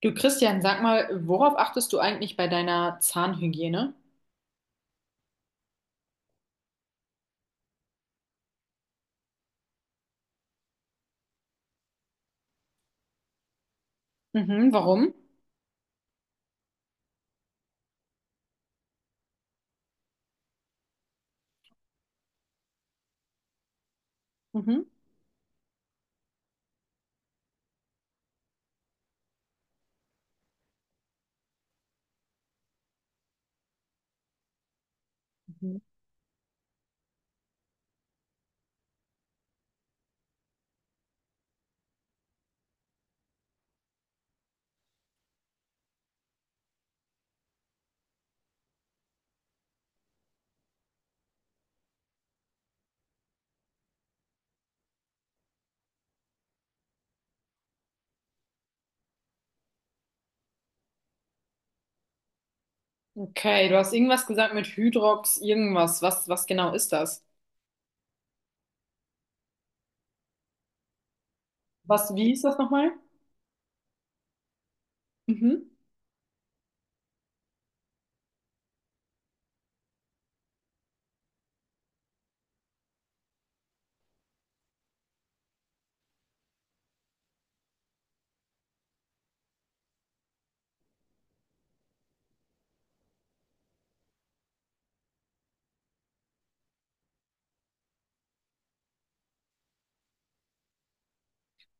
Du Christian, sag mal, worauf achtest du eigentlich bei deiner Zahnhygiene? Mhm, warum? Mhm. Mhm. Okay, du hast irgendwas gesagt mit Hydrox, irgendwas. Was genau ist das? Wie ist das nochmal? Mhm.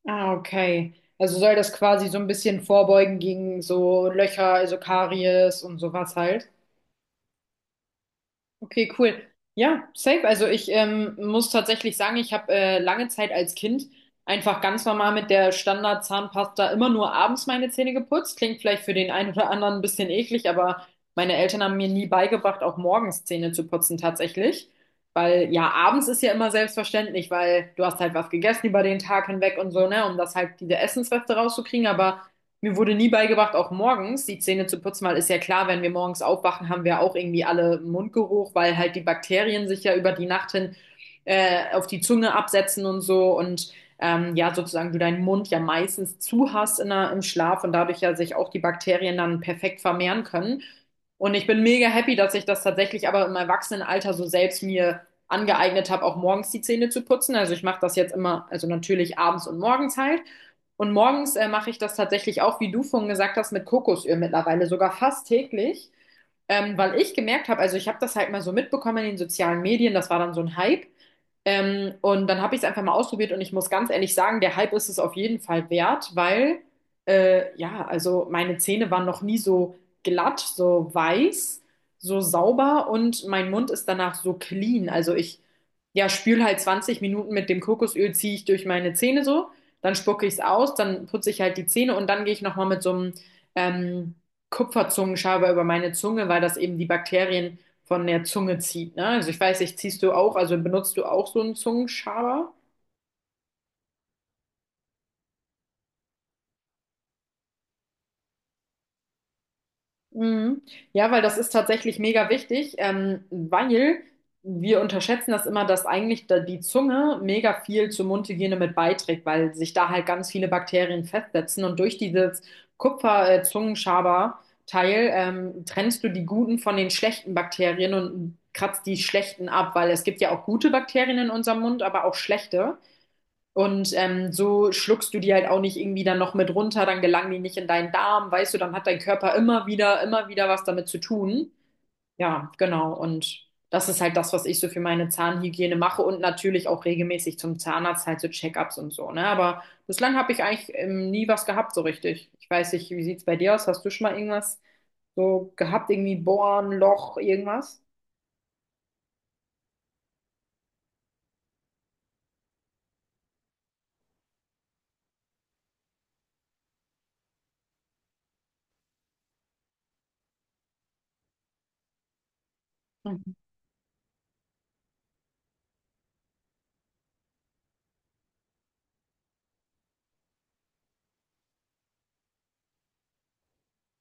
Ah, okay. Also soll das quasi so ein bisschen vorbeugen gegen so Löcher, also Karies und sowas halt? Okay, cool. Ja, safe. Also ich muss tatsächlich sagen, ich habe lange Zeit als Kind einfach ganz normal mit der Standard-Zahnpasta immer nur abends meine Zähne geputzt. Klingt vielleicht für den einen oder anderen ein bisschen eklig, aber meine Eltern haben mir nie beigebracht, auch morgens Zähne zu putzen tatsächlich. Weil ja, abends ist ja immer selbstverständlich, weil du hast halt was gegessen über den Tag hinweg und so, ne, um das halt diese Essensreste rauszukriegen. Aber mir wurde nie beigebracht, auch morgens die Zähne zu putzen, weil ist ja klar, wenn wir morgens aufwachen, haben wir auch irgendwie alle Mundgeruch, weil halt die Bakterien sich ja über die Nacht hin auf die Zunge absetzen und so und ja, sozusagen du deinen Mund ja meistens zu hast im Schlaf und dadurch ja sich auch die Bakterien dann perfekt vermehren können. Und ich bin mega happy, dass ich das tatsächlich aber im Erwachsenenalter so selbst mir angeeignet habe, auch morgens die Zähne zu putzen. Also ich mache das jetzt immer, also natürlich abends und morgens halt. Und morgens mache ich das tatsächlich auch, wie du vorhin gesagt hast, mit Kokosöl mittlerweile, sogar fast täglich, weil ich gemerkt habe, also ich habe das halt mal so mitbekommen in den sozialen Medien, das war dann so ein Hype. Und dann habe ich es einfach mal ausprobiert und ich muss ganz ehrlich sagen, der Hype ist es auf jeden Fall wert, weil ja, also meine Zähne waren noch nie so glatt, so weiß, so sauber und mein Mund ist danach so clean. Also ich, ja, spül halt 20 Minuten mit dem Kokosöl, ziehe ich durch meine Zähne so, dann spucke ich es aus, dann putze ich halt die Zähne und dann gehe ich nochmal mit so einem ähm, Kupferzungenschaber über meine Zunge, weil das eben die Bakterien von der Zunge zieht. Ne? Also ich weiß nicht, ziehst du auch, also benutzt du auch so einen Zungenschaber? Mhm. Ja, weil das ist tatsächlich mega wichtig, weil wir unterschätzen das immer, dass eigentlich da die Zunge mega viel zur Mundhygiene mit beiträgt, weil sich da halt ganz viele Bakterien festsetzen und durch dieses Kupfer-Zungenschaber-Teil trennst du die guten von den schlechten Bakterien und kratzt die schlechten ab, weil es gibt ja auch gute Bakterien in unserem Mund, aber auch schlechte. Und so schluckst du die halt auch nicht irgendwie dann noch mit runter, dann gelangen die nicht in deinen Darm, weißt du, dann hat dein Körper immer wieder was damit zu tun. Ja, genau. Und das ist halt das, was ich so für meine Zahnhygiene mache und natürlich auch regelmäßig zum Zahnarzt halt so Check-ups und so, ne? Aber bislang habe ich eigentlich nie was gehabt so richtig. Ich weiß nicht, wie sieht's bei dir aus? Hast du schon mal irgendwas so gehabt, irgendwie Bohren, Loch, irgendwas? Mhm.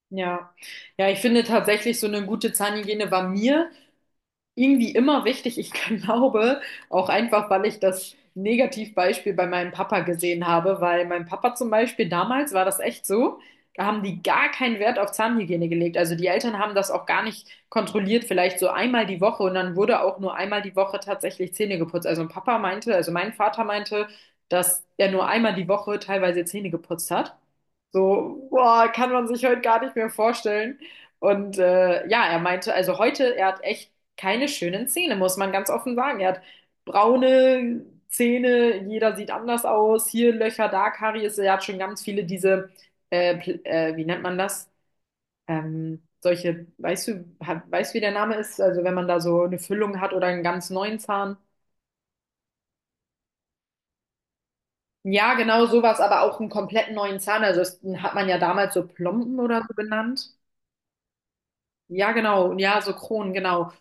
Ja. Ja, ich finde tatsächlich so eine gute Zahnhygiene war mir irgendwie immer wichtig. Ich glaube, auch einfach, weil ich das Negativbeispiel bei meinem Papa gesehen habe, weil mein Papa zum Beispiel damals war das echt so. Da haben die gar keinen Wert auf Zahnhygiene gelegt. Also die Eltern haben das auch gar nicht kontrolliert, vielleicht so einmal die Woche und dann wurde auch nur einmal die Woche tatsächlich Zähne geputzt. Also Papa meinte, also mein Vater meinte, dass er nur einmal die Woche teilweise Zähne geputzt hat. So, boah, kann man sich heute gar nicht mehr vorstellen. Und ja, er meinte, also heute, er hat echt keine schönen Zähne, muss man ganz offen sagen. Er hat braune Zähne, jeder sieht anders aus, hier Löcher, da Karies, er hat schon ganz viele diese, wie nennt man das? Solche, weißt du, weißt du, wie der Name ist? Also wenn man da so eine Füllung hat oder einen ganz neuen Zahn. Ja, genau sowas, aber auch einen komplett neuen Zahn. Also das hat man ja damals so Plomben oder so genannt. Ja, genau. Ja, so Kronen, genau.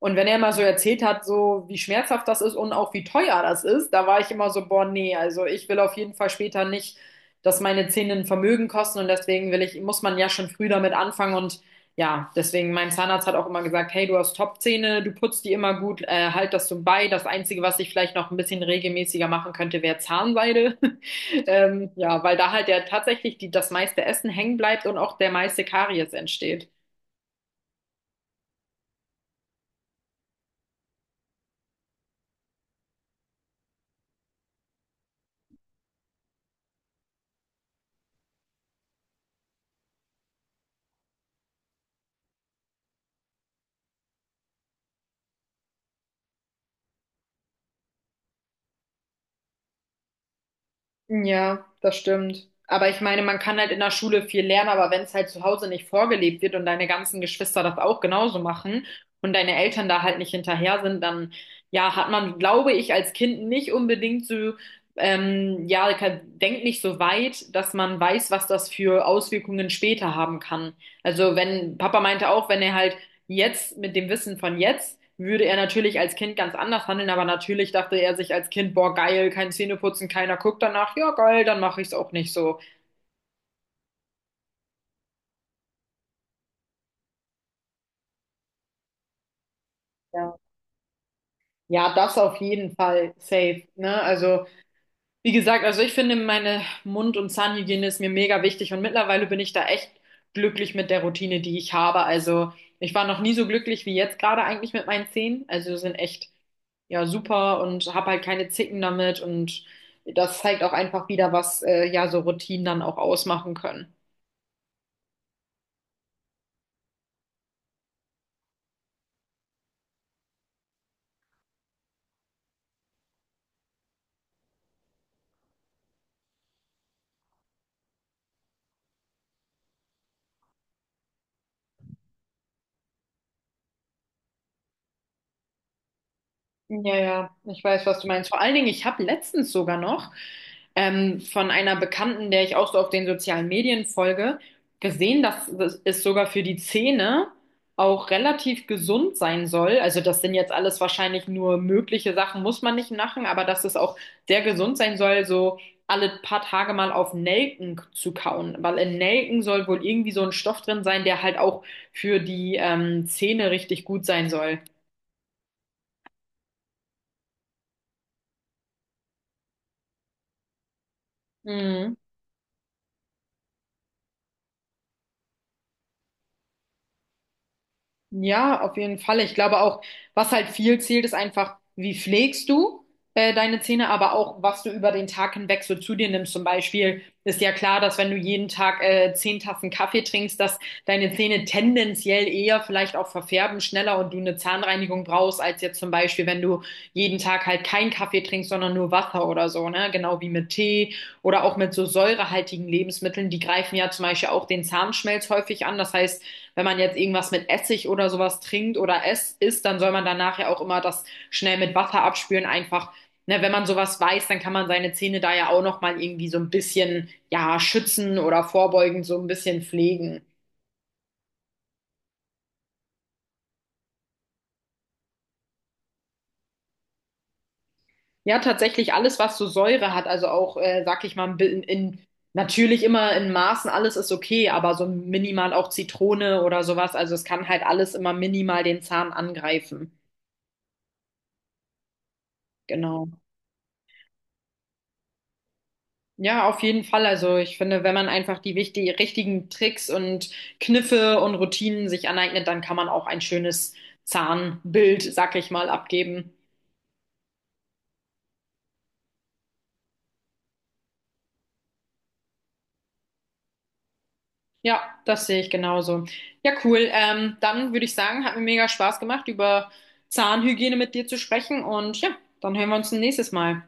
Und wenn er mal so erzählt hat, so wie schmerzhaft das ist und auch wie teuer das ist, da war ich immer so, boah, nee, also ich will auf jeden Fall später nicht, dass meine Zähne ein Vermögen kosten und deswegen will ich, muss man ja schon früh damit anfangen und ja, deswegen mein Zahnarzt hat auch immer gesagt, hey, du hast Top-Zähne, du putzt die immer gut, halt das so bei. Das Einzige, was ich vielleicht noch ein bisschen regelmäßiger machen könnte, wäre Zahnseide. Ja, weil da halt ja tatsächlich die, das meiste Essen hängen bleibt und auch der meiste Karies entsteht. Ja, das stimmt. Aber ich meine, man kann halt in der Schule viel lernen, aber wenn es halt zu Hause nicht vorgelebt wird und deine ganzen Geschwister das auch genauso machen und deine Eltern da halt nicht hinterher sind, dann ja, hat man, glaube ich, als Kind nicht unbedingt so, ja, denkt nicht so weit, dass man weiß, was das für Auswirkungen später haben kann. Also wenn, Papa meinte auch, wenn er halt. Jetzt, mit dem Wissen von jetzt, würde er natürlich als Kind ganz anders handeln, aber natürlich dachte er sich als Kind, boah, geil, kein Zähneputzen, keiner guckt danach, ja, geil, dann mache ich es auch nicht so. Ja. Ja, das auf jeden Fall safe, ne? Also, wie gesagt, also ich finde meine Mund- und Zahnhygiene ist mir mega wichtig und mittlerweile bin ich da echt glücklich mit der Routine, die ich habe. Also ich war noch nie so glücklich wie jetzt gerade eigentlich mit meinen Zähnen. Also sind echt ja super und habe halt keine Zicken damit und das zeigt auch einfach wieder, was ja so Routinen dann auch ausmachen können. Ja, ja, ich weiß, was du meinst. Vor allen Dingen, ich habe letztens sogar noch von einer Bekannten, der ich auch so auf den sozialen Medien folge, gesehen, dass es sogar für die Zähne auch relativ gesund sein soll. Also das sind jetzt alles wahrscheinlich nur mögliche Sachen, muss man nicht machen, aber dass es auch sehr gesund sein soll, so alle paar Tage mal auf Nelken zu kauen, weil in Nelken soll wohl irgendwie so ein Stoff drin sein, der halt auch für die Zähne richtig gut sein soll. Mhm. Ja, auf jeden Fall. Ich glaube auch, was halt viel zählt, ist einfach, wie pflegst du deine Zähne, aber auch, was du über den Tag hinweg so zu dir nimmst. Zum Beispiel ist ja klar, dass wenn du jeden Tag 10 Tassen Kaffee trinkst, dass deine Zähne tendenziell eher vielleicht auch verfärben schneller und du eine Zahnreinigung brauchst, als jetzt zum Beispiel, wenn du jeden Tag halt keinen Kaffee trinkst, sondern nur Wasser oder so, ne? Genau wie mit Tee oder auch mit so säurehaltigen Lebensmitteln. Die greifen ja zum Beispiel auch den Zahnschmelz häufig an. Das heißt, wenn man jetzt irgendwas mit Essig oder sowas trinkt oder es isst, dann soll man danach ja auch immer das schnell mit Wasser abspülen. Einfach, ne, wenn man sowas weiß, dann kann man seine Zähne da ja auch nochmal irgendwie so ein bisschen, ja, schützen oder vorbeugend so ein bisschen pflegen. Ja, tatsächlich alles, was so Säure hat, also auch, sag ich mal, natürlich immer in Maßen, alles ist okay, aber so minimal auch Zitrone oder sowas. Also es kann halt alles immer minimal den Zahn angreifen. Genau. Ja, auf jeden Fall. Also ich finde, wenn man einfach die wichtig richtigen Tricks und Kniffe und Routinen sich aneignet, dann kann man auch ein schönes Zahnbild, sag ich mal, abgeben. Ja, das sehe ich genauso. Ja, cool. Dann würde ich sagen, hat mir mega Spaß gemacht, über Zahnhygiene mit dir zu sprechen und ja, dann hören wir uns ein nächstes Mal.